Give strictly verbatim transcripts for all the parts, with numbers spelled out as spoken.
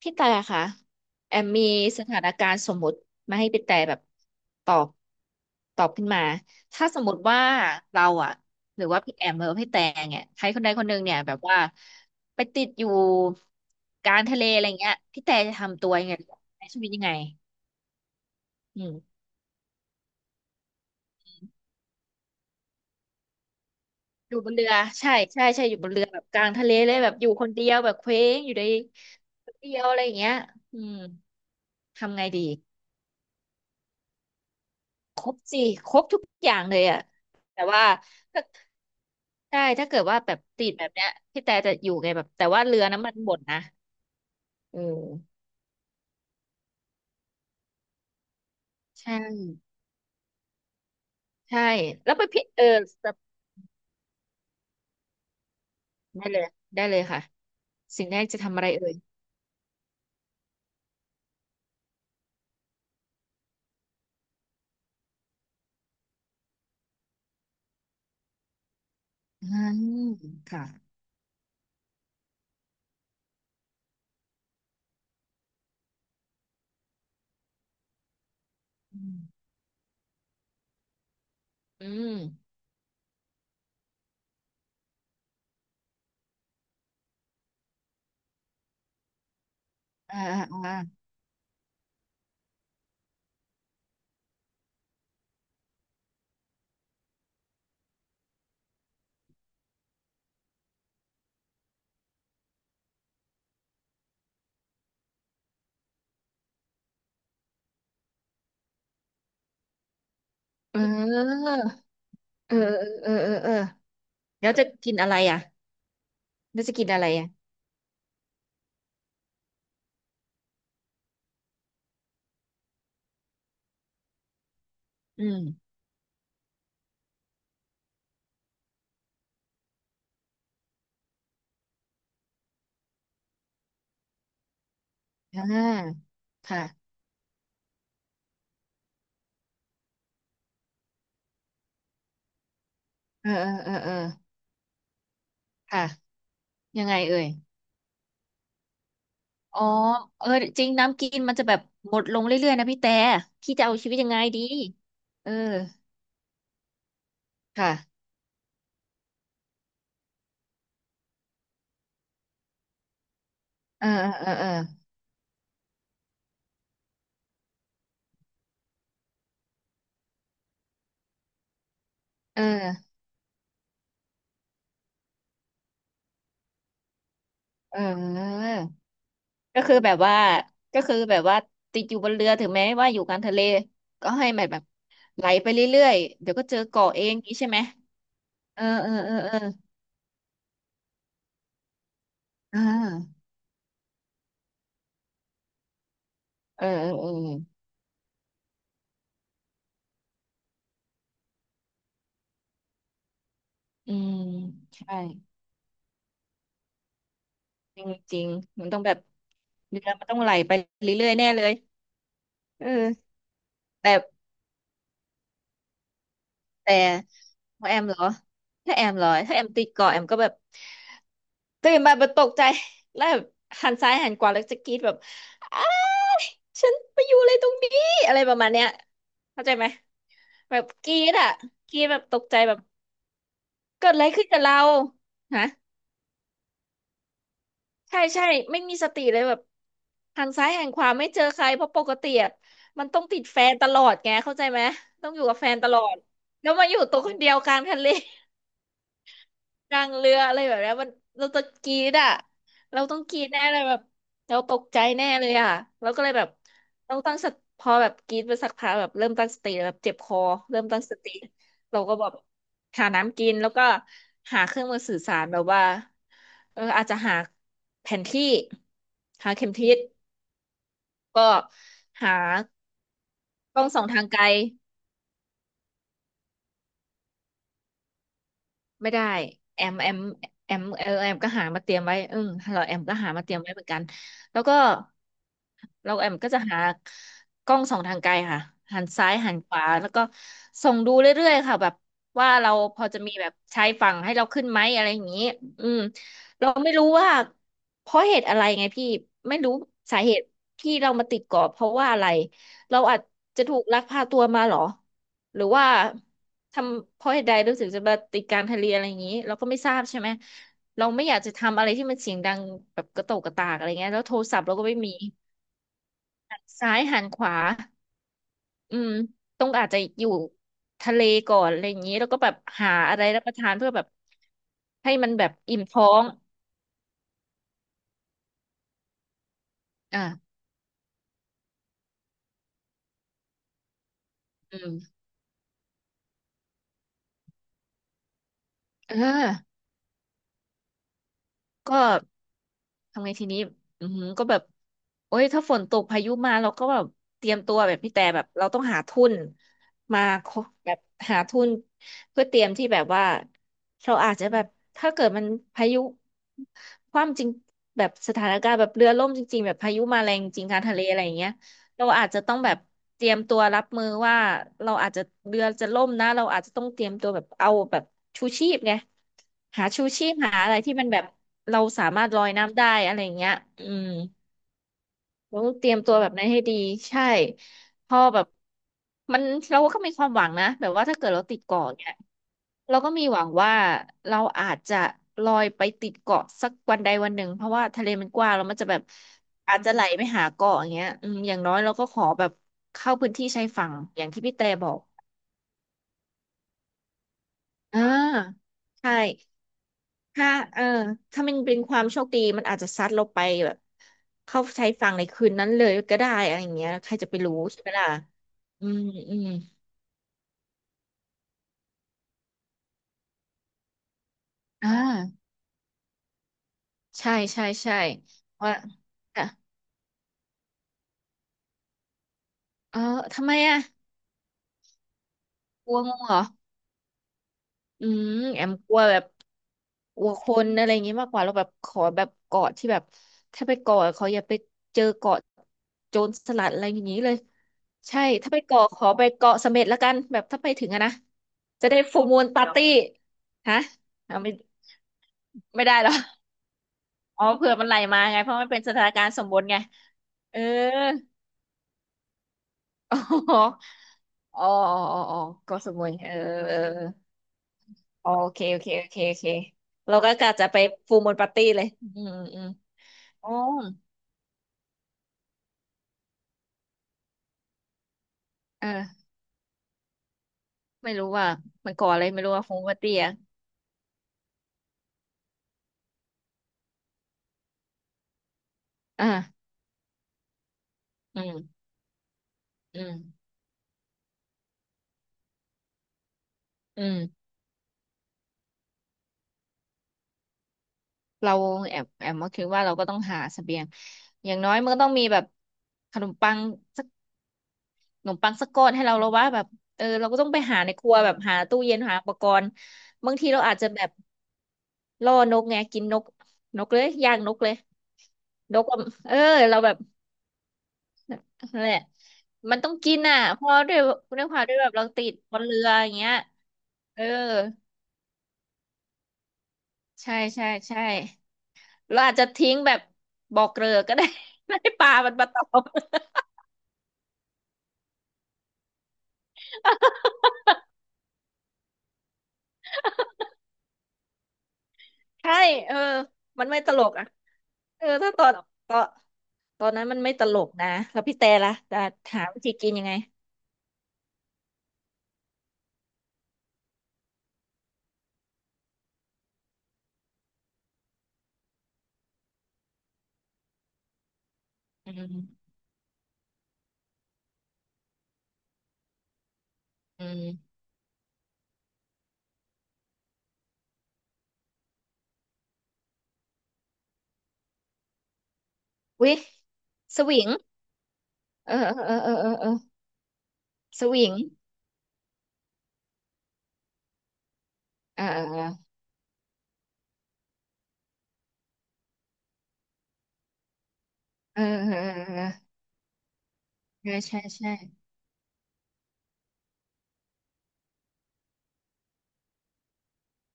พี่แต่ค่ะแอมมีสถานการณ์สมมุติมาให้พี่แต่แบบตอบตอบขึ้นมาถ้าสมมติว่าเราอะหรือว่าพี่แอมหรือว่าพี่แต่เนี่ยใครคนใดคนหนึ่งเนี่ยแบบว่าไปติดอยู่กลางทะเลอะไรเงี้ยพี่แต่จะทำตัวยังไงใช้ชีวิตยังไงอืมอยู่บนเรือใช่ใช่ใช่อยู่บนเรือแบบกลางทะเลเลยแบบอยู่คนเดียวแบบเคว้งอยู่ในคนเดียวอะไรอย่างเงี้ยอืมทำไงดี ครบสิครบทุกอย่างเลยอ่ะแต่ว่าถ้าใช่ถ้าเกิดว่าแบบติดแบบเนี้ยพี่แต่จะอยู่ไงแบบแต่ว่าเรือน้ำมันหมดนะเออใช่ใช่แล้วไปพี่เออสเตได้เลยได้เลยค่ะสิ่งแรกจะทำอะไรเอ่ยอืมค่ะอืมอืมอ่าอ่าอ่าเออเออเออเออเออเออแล้วจะกินอะไรอ่ะแล้วจะกินอะไรอ่ะอืมอ่าค่ะเออเออเออเออค่ะยังไงเอ่ย อ๋อเออจริงน้ำกินมันจะแบบหมดลงเรื่อยๆนะพี่แต่พี่จะเอาชีวิตยังไงดีเออค่ะเออเออเออเออเออเออก็คือแบบว่าก็คือแบบว่าติดอยู่บนเรือถึงแม้ว่าอยู่กลางทะเลก็ให้มันแบบไหลไปเรื่อยๆเดี๋ยวก็เจอเกาะเองนี้ใช่ไหมเออเออเออเอออ่าเออเออเอออืมใช่จริงจริงมันต้องแบบเรือมันต้องไหลไปเรื่อยๆแน่เลยเออแต่ แต่ของแอมเหรอถ้าแอมเหรอถ้าแอมติดเกาะแอมก็แบบตื่นมาแบบตกใจแล้วแบบหันซ้ายหันขวาแล้วจะกรีดแบบอ้ายฉันไปอยู่อะไรตรงนี้อะไรประมาณเนี้ยเข้าใจไหมแบบกรีดอ่ะกรีดแบบตกใจแบบเกิดอะไรขึ้นกับเราฮะใช่ใช่ไม่มีสติเลยแบบหันซ้ายหันขวาไม่เจอใครเพราะปกติอะมันต้องติดแฟนตลอดไงเข้าใจไหมต้องอยู่กับแฟนตลอดแล้วมาอยู่ตัวคนเดียวกลางทะเล กลางเรืออะไรแบบเนี้ยมันเราจะกรี๊ดอ่ะเราต้องกรี๊ดแน่เลยแบบเราตกใจแน่เลยอ่ะเราก็เลยแบบต้องตั้งสติพอแบบกรี๊ดไปสักพักแบบเริ่มตั้งสติแบบเจ็บคอเริ่มตั้งสติเราก็แบบหาน้ำกินแล้วก็หาเครื่องมือสื่อสารแบบว่าเอออาจจะหาแผนที่หาเข็มทิศก็หากล้องส่องทางไกล ไม่ได้แอมแอมแอมเออแอมก็หามาเตรียมไว้อืมเราแอมก็หามาเตรียมไว้เหมือนกันแล้วก็เราแอมก็จะหากล้องส่องทางไกลค่ะหันซ้ายหันขวาแล้วก็ส่องดูเรื่อยๆค่ะแบบว่าเราพอจะมีแบบชายฝั่งให้เราขึ้นไหมอะไรอย่างนี้อืมเราไม่รู้ว่าเพราะเหตุอะไรไงพี่ไม่รู้สาเหตุที่เรามาติดเกาะเพราะว่าอะไรเราอาจจะถูกลักพาตัวมาเหรอหรือว่า ทำเพราะเหตุใดเราถึงจะมาติดการทะเลอะไรอย่างนี้เราก็ไม่ทราบใช่ไหมเราไม่อยากจะทำอะไรที่มันเสียงดังแบบกระโตกกระตากอะไรเงี้ยแล้วโทรศัพท์เราก็ไม่มีซ้ายหันขวาอืมต้องอาจจะอยู่ทะเลก่อนอะไรอย่างนี้แล้วก็แบบหาอะไรรับประทานเพื่อแบบให้มันแบบอิ่มท้องอ่าอืมเออ ก็ทำไงทีนี้อือหือก็แบบโอ้ยถ้าฝนตกพายุมาเราก็แบบเตรียมตัวแบบพี่แต่แบบเราต้องหาทุนมาคแบบหาทุนเพื่อเตรียมที่แบบว่าเราอาจจะแบบถ้าเกิดมันพายุคว่ำจริงแบบสถานการณ์แบบเรือล่มจริงๆแบบพายุมาแรงจริงกลางทะเลอะไรอย่างเงี้ย เราอาจจะต้องแบบเตรียมตัวรับมือว่าเราอาจจะเรือจะล่มนะเราอาจจะต้องเตรียมตัวแบบเอาแบบชูชีพไงหาชูชีพหาอะไรที่มันแบบเราสามารถลอยน้ำได้อะไรอย่างเงี้ยอืม เราต้องเตรียมตัวแบบนั้นให้ดีใช่พอแบบมันเราก็มีความหวังนะแบบว่าถ้าเกิดเราติดเกาะเนี่ยเราก็มีหวังว่าเราอาจจะลอยไปติดเกาะสักวันใดวันหนึ่งเพราะว่าทะเลมันกว้างแล้วมันจะแบบอาจจะไหลไปหาเกาะอย่างเงี้ยอืมอย่างน้อยเราก็ขอแบบเข้าพื้นที่ชายฝั่งอย่างที่พี่แต่บอกอ่าใช่ ถ้าเออถ้ามันเป็นความโชคดีมันอาจจะซัดเราไปแบบเข้าใช้ฝั่งในคืนนั้นเลยก็ได้อะไรอย่างเงี้ยใครจะไปรู้ใช่ไหมล่ะอืมอืมอ่าใช่ใช่ใช่ว่าอ่ะเออทำไมอ่ะกลัวงูเหรอ อืมแอมกลัวแบบกลัวคนอะไรอย่างงี้มากกว่าเราแบบขอแบบเกาะที่แบบถ้าไปเกาะเขาอย่าไปเจอเกาะโจรสลัดอะไรอย่างงี้เลยใช่ถ้าไปเกาะขอไปเกาะเสม็ดละกันแบบถ้าไปถึงอะนะจะได้ฟูลมูนปาร์ตี้ฮะเอาไม่ไม่ได้เหรออ๋อเผื่อมันไหลมาไงเพราะมันเป็นสถานการณ์สมบูรณ์ไงเอออ๋ออ๋ออ๋ออ๋อเกาะสมุยเออเออ โอเคโอเคโอเคโอเคเราก็กะจะไปฟูลมูนปาร์ตี้เลยอืมอืมอ๋อเออไม่รู้ว่ามันก่ออะไรไม่รู้ว่าฟูลมูนปาร์ตี้อ่ะอ่าอืมอืมอืมเราแอบแอบมาคิดว่าเราก็ต้องหาเสบียงอย่างน้อยมันก็ต้องมีแบบขนมปังสักขนมปังสักก้อนให้เราแล้วว่าแบบเออเราก็ต้องไปหาในครัวแบบหาตู้เย็นหาอุปกรณ์บางทีเราอาจจะแบบล่อนกไงกินนกนกเลยย่างนกเลยนกอะเออเราแบบ นั่นแหละมันต้องกินอ่ะ เพราะด้วยด้วยความด้วยแบบเราติดบนเรืออย่างเงี้ย เออ ใช่ใช่ใช่เราอาจจะทิ้งแบบบอกเกลือก็ได้ ไม่ให้ปลามันมาตอบ ใช่เออมันไม่ตลกอ่ะเออถ้าตอนตอนตอนนั้นมันไม่ตลกนะ แล้วพี่แต่ล่ะจะหาวิธีกินยังไง อืม อืม วิสวิงเออเออเออเออเออสวิงเออเออเออเออเออใช่ใช่ใช่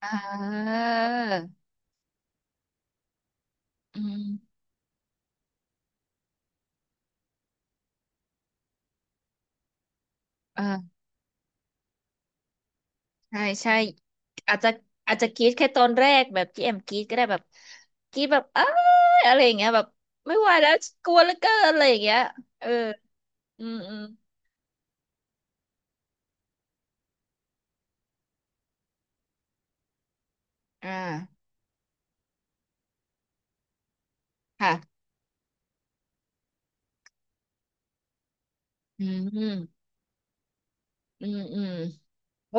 อ่า อืมอ่าใช่ใช่อาจจะอาจจะกรี๊ดแค่ตอนแรกแบบที่แอมกรี๊ดก็ได้แบบกรี๊ดแบบอ้ายอะไรอย่างเงี้ยแบบไม่ไหวแล้วกลัวเหลือเกินอะไรอย่างเงี้ยเอออืมอืมอ่าค่ะอืมอืมอืมอืมโอ้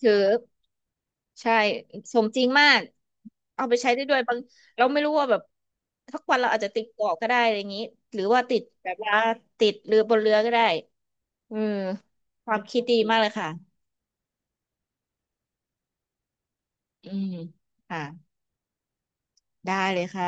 ถือใช่สมจริงมากเอาไปใช้ได้ด้วยบางเราไม่รู้ว่าแบบสักวันเราอาจจะติดเกาะก็ได้อะไรอย่างงี้หรือว่าติดแบบว่าติดเรือบนเรือก็ได้เออความคิดดีมากเลยค่ะ อืมค่ะได้เลยค่ะ